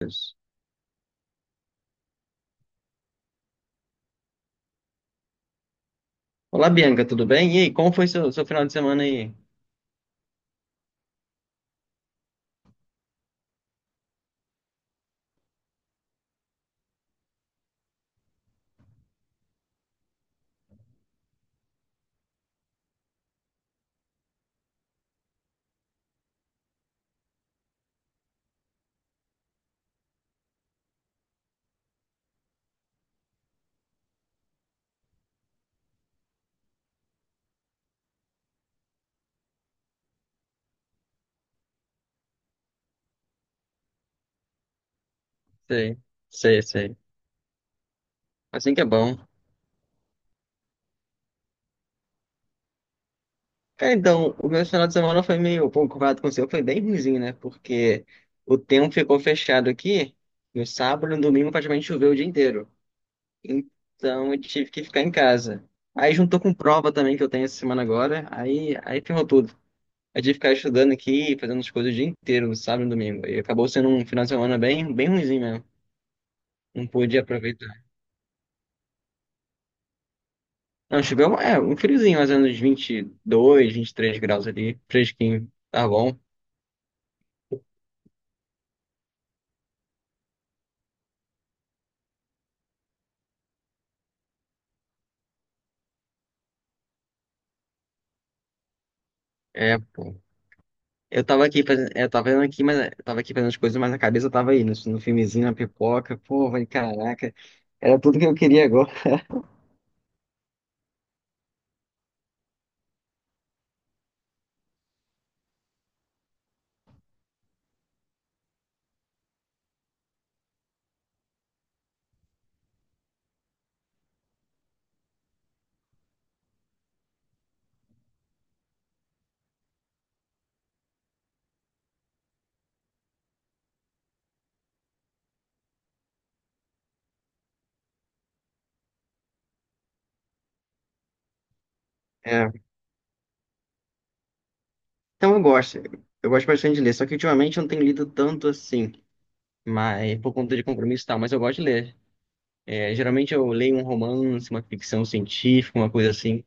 Deus. Olá, Bianca, tudo bem? E aí, como foi seu final de semana aí? Sei, sei. Assim que é bom. Cara, então, o meu final de semana foi meio concorrado com o seu, foi bem ruimzinho, né? Porque o tempo ficou fechado aqui, no sábado e no domingo praticamente choveu o dia inteiro. Então, eu tive que ficar em casa. Aí juntou com prova também que eu tenho essa semana agora, aí ferrou tudo. Eu tive que ficar estudando aqui, fazendo as coisas o dia inteiro, no sábado e no domingo. E acabou sendo um final de semana bem ruimzinho mesmo. Não pude aproveitar. Não, um friozinho, mais ou menos 22, três graus ali, fresquinho, tá bom? É, pô. Eu tava aqui fazendo, eu tava fazendo aqui, mas eu tava aqui fazendo as coisas, mas a cabeça tava no filmezinho, na pipoca, pô, vai, caraca, era tudo que eu queria agora. É, então eu gosto, eu gosto bastante de ler, só que ultimamente eu não tenho lido tanto assim, mas por conta de compromisso e tal, mas eu gosto de ler. É, geralmente eu leio um romance, uma ficção científica, uma coisa assim.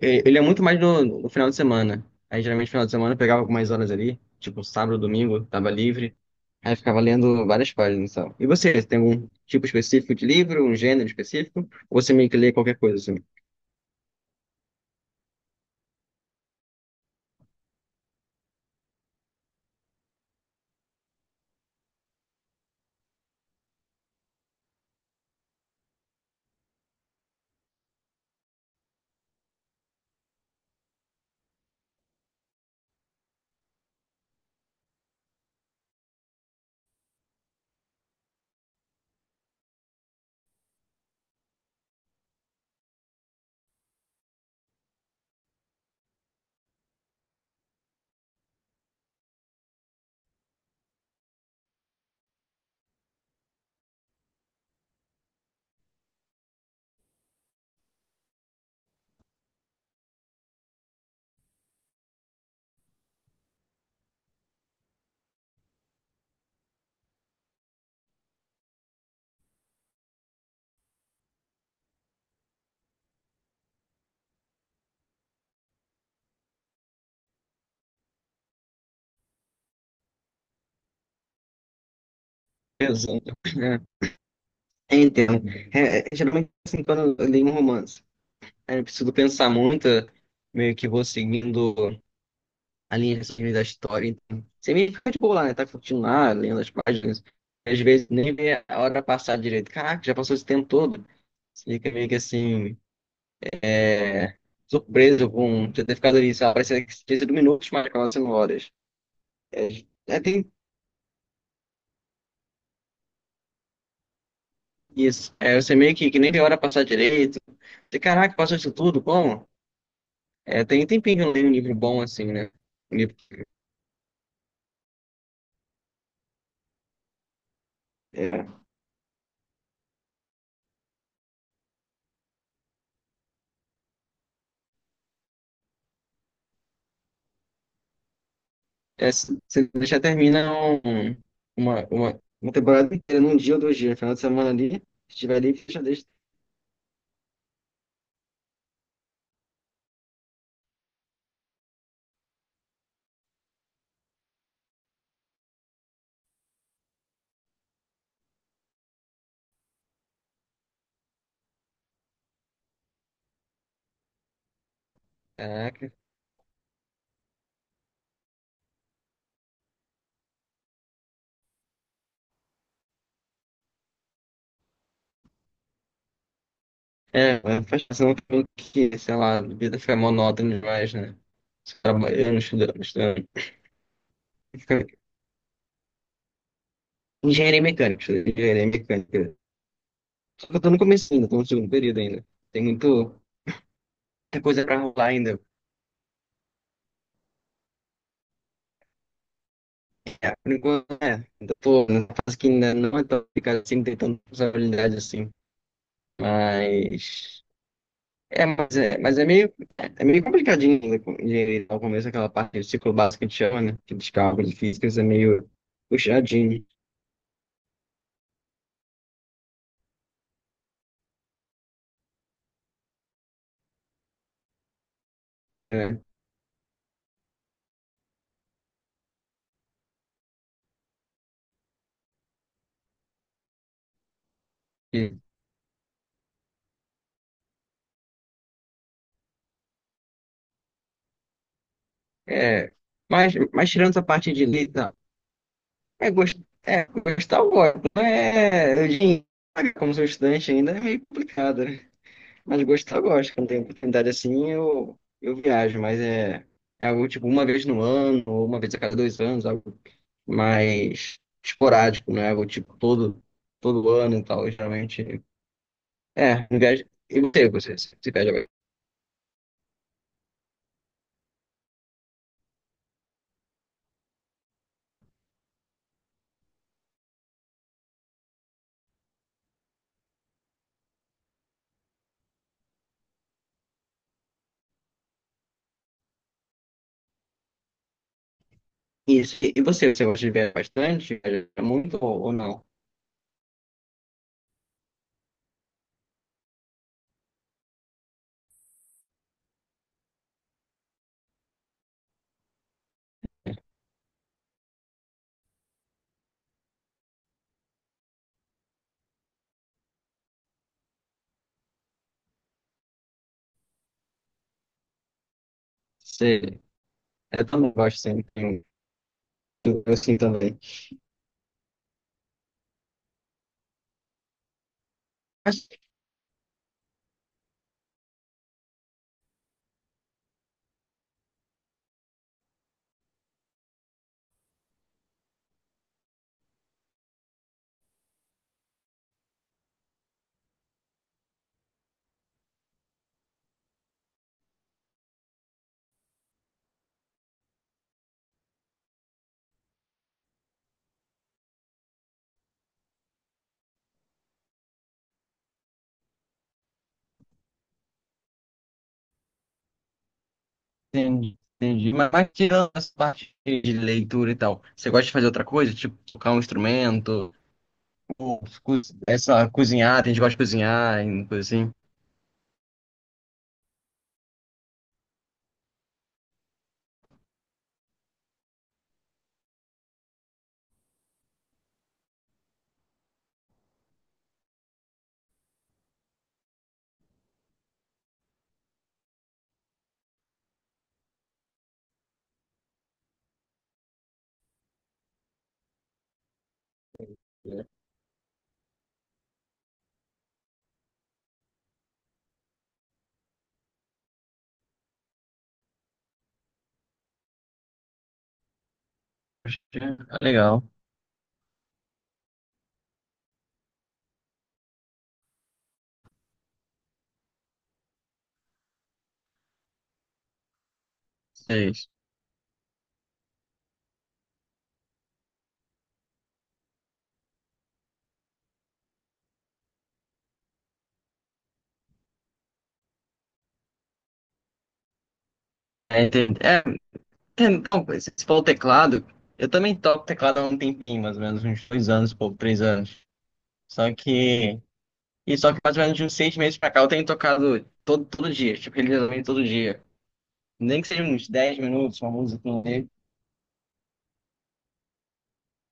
Ele é muito mais no final de semana. Aí geralmente no final de semana eu pegava algumas horas ali, tipo sábado, domingo, tava livre. Aí eu ficava lendo várias páginas, sabe? E você, tem algum tipo específico de livro, um gênero específico? Ou você meio que lê qualquer coisa assim? Exato. Geralmente assim, quando eu leio um romance, aí eu preciso pensar muito, meio que vou seguindo a linha assim, da história. Então, você meio que fica de boa lá, né? Tá curtindo lá, lendo as páginas. Às vezes nem vê a hora passar direito. Caraca, já passou esse tempo todo. Você fica meio que assim, é, surpreso com você ter ficado ali, sabe? Parece que tinha sido minutos, mas acaba sendo horas. É, tem isso. É, você meio que nem vê a hora passar direito. Você, caraca, passou isso tudo, como? É, tem tempinho que eu não leio um livro bom assim, né? Um livro- É, é, se você deixa termina um- uma temporada inteira, num dia ou dois dias, final de semana ali, se estiver ali, já deixa. Caraca. É, faz questão que, sei lá, a vida fica monótona demais, né? Trabalhando, estudando, estudando. Engenharia mecânica. Só que eu tô no começo ainda, tô no segundo período ainda. Tem muita coisa pra rolar ainda. Por enquanto, ainda tô numa fase que ainda não é tão complicado assim, não tem tanta responsabilidade assim. Mas mas é meio complicadinho ainda com engenharia ao começo, aquela parte do ciclo básico que a gente chama, né? Que dos cálculos físicos é meio puxadinho, né? E, é, mas tirando essa parte de letra, é gostoso. É, gostar eu gosto. Não é, eu diria como sou estudante ainda, é meio complicado, né? Mas gostar, eu gosto. Quando tem oportunidade assim, eu viajo, mas é algo tipo uma vez no ano, ou uma vez a cada dois anos, algo mais esporádico, não é algo tipo todo ano e tal. Geralmente, não viajo. E você, você viaja bastante? E, e você, você gosta de viajar bastante? Viaja muito ou não? Você, eu também gosto, sim, eu assim também. Entendi, entendi. Mas tirando essa parte de leitura e tal, você gosta de fazer outra coisa? Tipo, tocar um instrumento? Ou co- essa, cozinhar, tem gente que gosta de cozinhar, e coisa assim. Acho que é legal. É isso. É, entendi. É, então, se for o teclado, eu também toco teclado há um tempinho, mais ou menos, uns 2 anos, pouco, 3 anos. Só que. Só que mais ou menos de uns 6 meses pra cá eu tenho tocado todo dia, tipo, religiosamente todo dia. Nem que seja uns 10 minutos, uma música, um.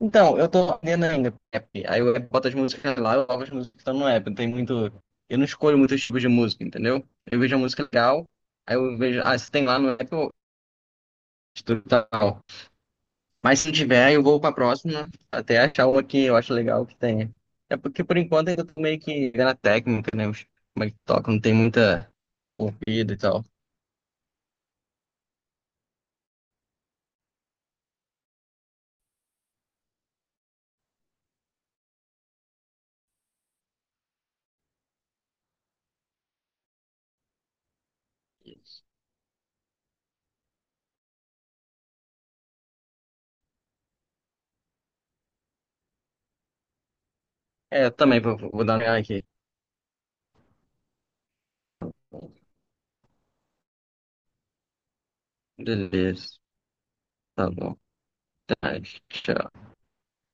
Então, eu tô aprendendo ainda app. Aí eu boto as músicas lá, eu coloco as músicas que estão no app. Não tem muito. Eu não escolho muitos tipos de música, entendeu? Eu vejo a música legal, aí eu vejo. Ah, se tem lá no app, eu estudo tal. Mas se não tiver, eu vou pra próxima, até achar uma que eu acho legal que tenha. É porque por enquanto ainda tô meio que vendo a técnica, né? Como é que toca, não tem muita corrida e tal. É, eu também vou dar uma olhada aqui. Beleza, tá bom. Tá, tchau.